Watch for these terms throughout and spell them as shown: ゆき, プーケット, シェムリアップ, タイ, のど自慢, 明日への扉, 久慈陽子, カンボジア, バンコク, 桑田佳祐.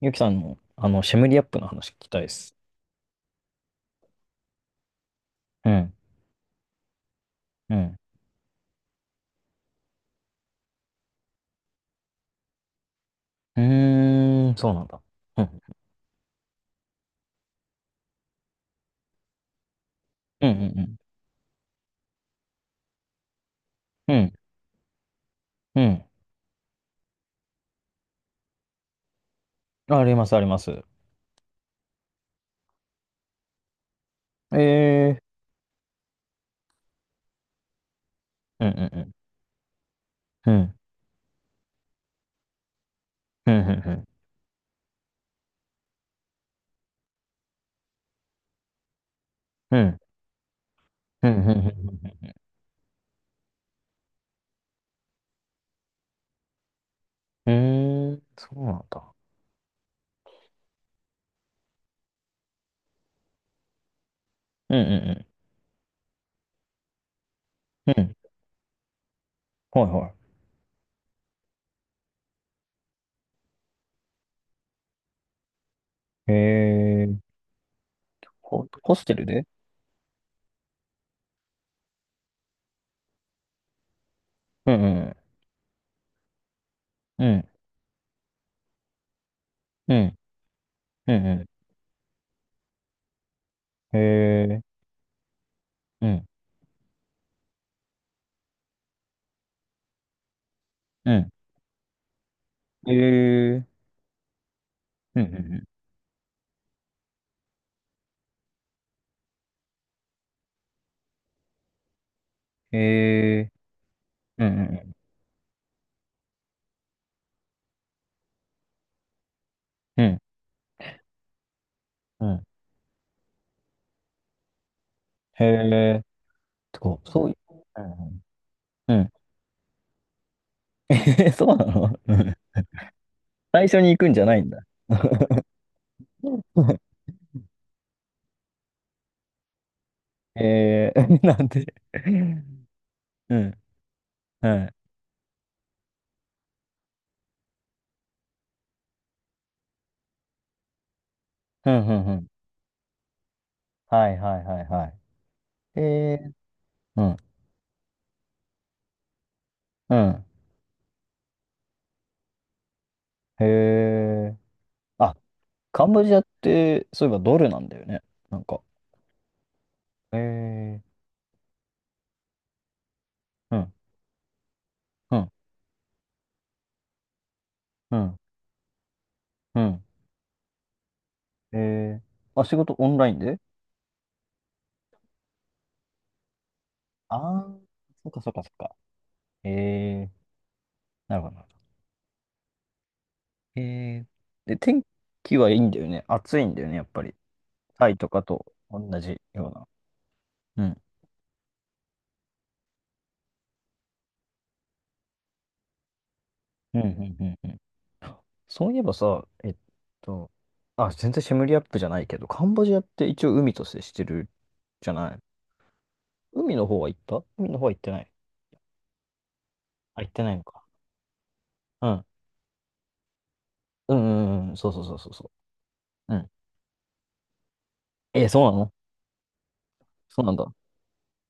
ゆきさんの、シェムリアップの話聞きたいです。うん、うん。うーん、そうなんだ。うん、うん、うん、うん、うん。うん、あります、あります。ええー、うん、うん、うん。うん、うん、うん、うん、うん、うん、うん。うん、うーん、そうなんだ。うん、うん、うん。うん、はい、はい。ええー、ホステルで、うん、うん、うん、うん、うん、うん。ええー、うん、うん。ええー、うん、うん、うん。ええー、うん、うん、うん。うん、うん。へえ。てそういう、うん。うん そうなの。うん。最初に行くんじゃないんだ。えー、なんで。うん。はい。うん、うん、うん。はい、はい、はい、はい。えー、うん、うん。へえ。あ、カンボジアって、そういえばドルなんだよね。なんか。えー、うん、うん、うん、うん。えー、あ、仕事オンラインで。ああー、そっか、そっか、そっか。えー、なるほど。えー、で、天気はいいんだよね。暑いんだよね、やっぱり。タイとかと同じような。うん。うん、うん、うん、うん。そういえばさ、と、あ、全然シェムリアップじゃないけど、カンボジアって一応海と接してるじゃない。海の方は行った、海の方は行ってない。あ、行ってないのか。うん。うん、うん、うん。そう、そう、そう、そう、そう。うん。えー、そうなの、そうなんだ。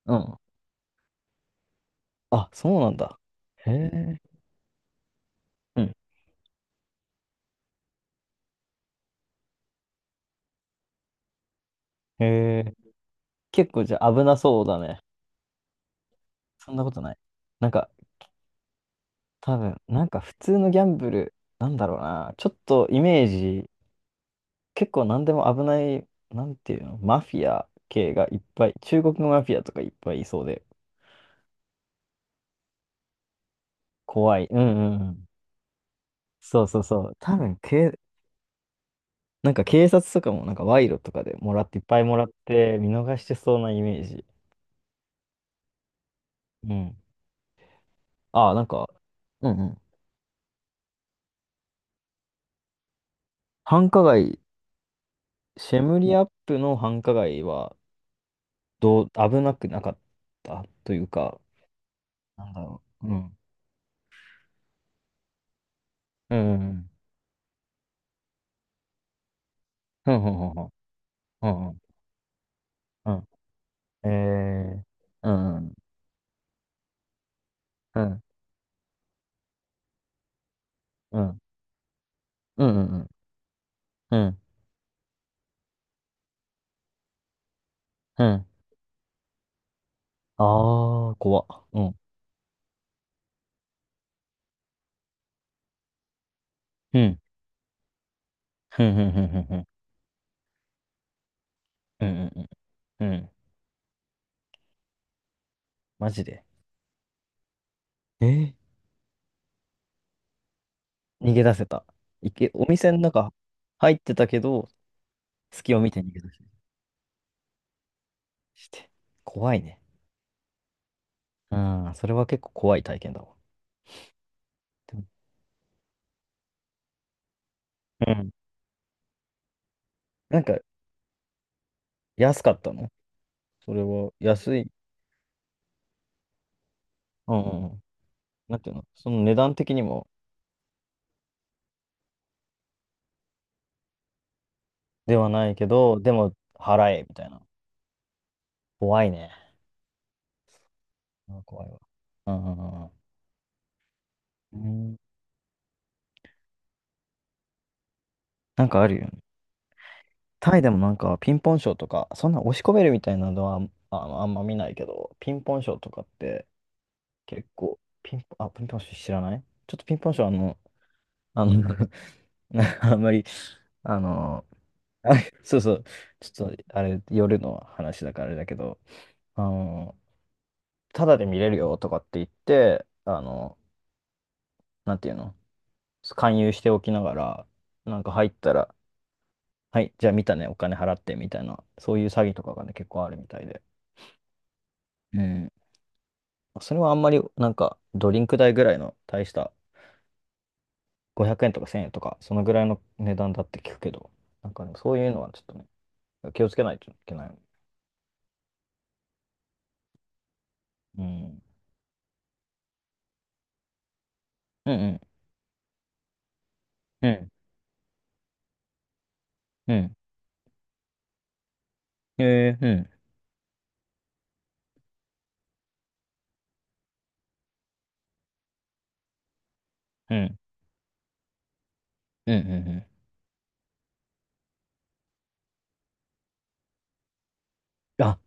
うん。あ、そうなんだ。へえ。うん。へえ。結構じゃあ危なそうだね。そんなことない。なんか、多分、なんか普通のギャンブル、なんだろうな、ちょっとイメージ、結構何でも危ない、なんていうの、マフィア系がいっぱい、中国のマフィアとかいっぱいいそうで、怖い。うん、うん、うん。そう、そう、そう。多分、なんか警察とかもなんか賄賂とかでもらって、いっぱいもらって見逃してそうなイメージ。うん。ああ、なんか、うん、うん。繁華街、シェムリアップの繁華街は、どう、危なくなかったというか、なんだろう。うん、うん、うん、うん、うん、うん、うん、うん、うん、うん、うん、えー、うん、うん、うん、うん、うん、うん、うん、ああー、怖っ。うん、うん、うん、うん、うん、うん、うん、うん、うん、うん、マジで。えー、逃げ出せた。お店の中入ってたけど、隙を見て逃げ出して。怖いね。うん、それは結構怖い体験だわ。でも、うん。なんか、安かったの？それは、安い？うん、うん、うん。なんていうのその値段的にも、ではないけど、でも払え、みたいな。怖いね。うん、怖いわ。うん、うん、うん。うん、なんかあるよね。タイでもなんかピンポンショーとか、そんな押し込めるみたいなのはあ、ああんま見ないけど、ピンポンショーとかって結構、ピンポン、あ、ピンポンショー知らない、ちょっとピンポンショー、あの、あんまり、あの、あ、そう、そう、ちょっとあれ、夜の話だからあれだけど、あの、ただで見れるよとかって言って、なんていうの、勧誘しておきながら、なんか入ったら、はい、じゃあ見たね、お金払ってみたいな、そういう詐欺とかがね、結構あるみたいで。うん。それはあんまり、なんか、ドリンク代ぐらいの大した500円とか1000円とか、そのぐらいの値段だって聞くけど、なんかね、そういうのはちょっとね、気をつけないといけない。うん。うん、うん。うん。うん。えー、うん。うん。うん、うん、うん。あ、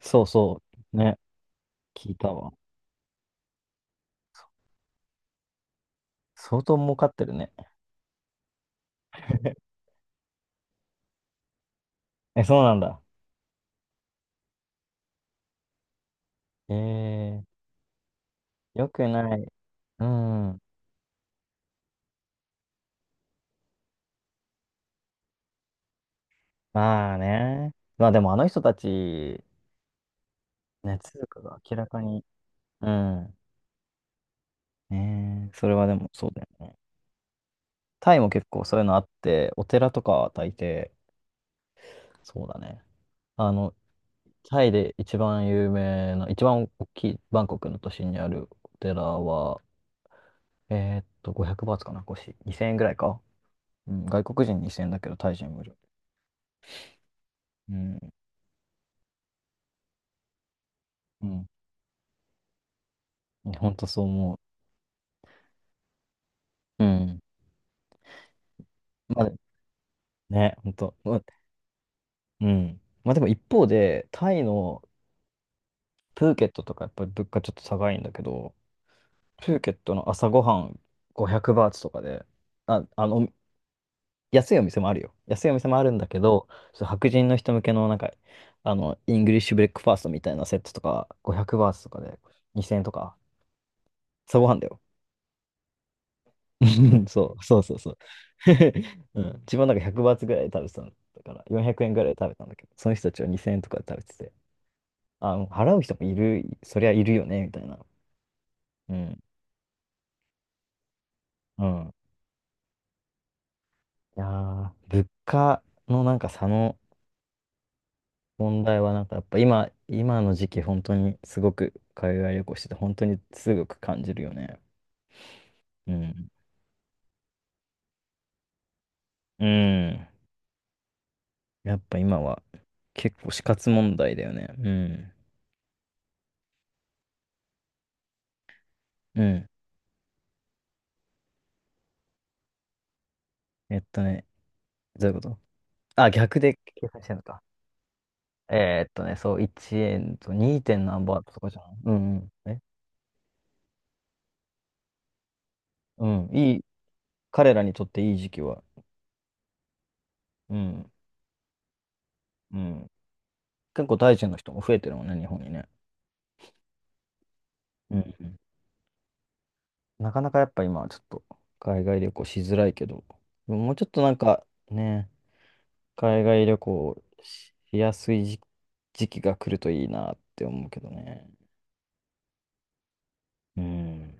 そう、そう。ね、聞いたわ。そ相当儲かってるね。え、そうなんだ。えー、よくない。うん。まあね。まあでもあの人たち、ね、通貨が明らかに。うん。ねえ、それはでもそうだよね。タイも結構そういうのあって、お寺とかは大抵、そうだね。あの、タイで一番有名な、一番大きいバンコクの都心にあるお寺は、500バーツかな、腰。2000円ぐらいか。うん、外国人2000円だけど、タイ人無料。うん、うん。ほんとそう思う。うん。まあ、ね、ほんと。うん。まあでも一方で、タイのプーケットとかやっぱり物価ちょっと高いんだけど、プーケットの朝ごはん500バーツとかで、あ、安いお店もあるよ。安いお店もあるんだけど、そう白人の人向けのなんか、イングリッシュブレックファーストみたいなセットとか、500バーツとかで2000円とか、朝ごはんだよ。そう、そう、そう、そう。うん、自分なんか100バーツぐらいで食べてたんだから、400円ぐらいで食べたんだけど、その人たちは2000円とかで食べてて、あ、払う人もいる、そりゃいるよね、みたいな。うん。うん。いやー、物価のなんか差の問題は、なんかやっぱ今、今の時期、本当にすごく海外旅行してて、本当にすごく感じるよね。うん。うん。やっぱ今は結構死活問題だよね。うん。うん。えっとね、どういうこと、あ、逆で計算してるのか。そう、1円と 2. 何バーとかじゃん。うん、うん。え、うん。いい、彼らにとっていい時期は。うん、うん。結構タイ人の人も増えてるもんね、日本にね。うん。うん、なかなかやっぱ今はちょっと海外旅行しづらいけど、もうちょっとなんかね、海外旅行しやすい時、時期が来るといいなって思うけどね。うん。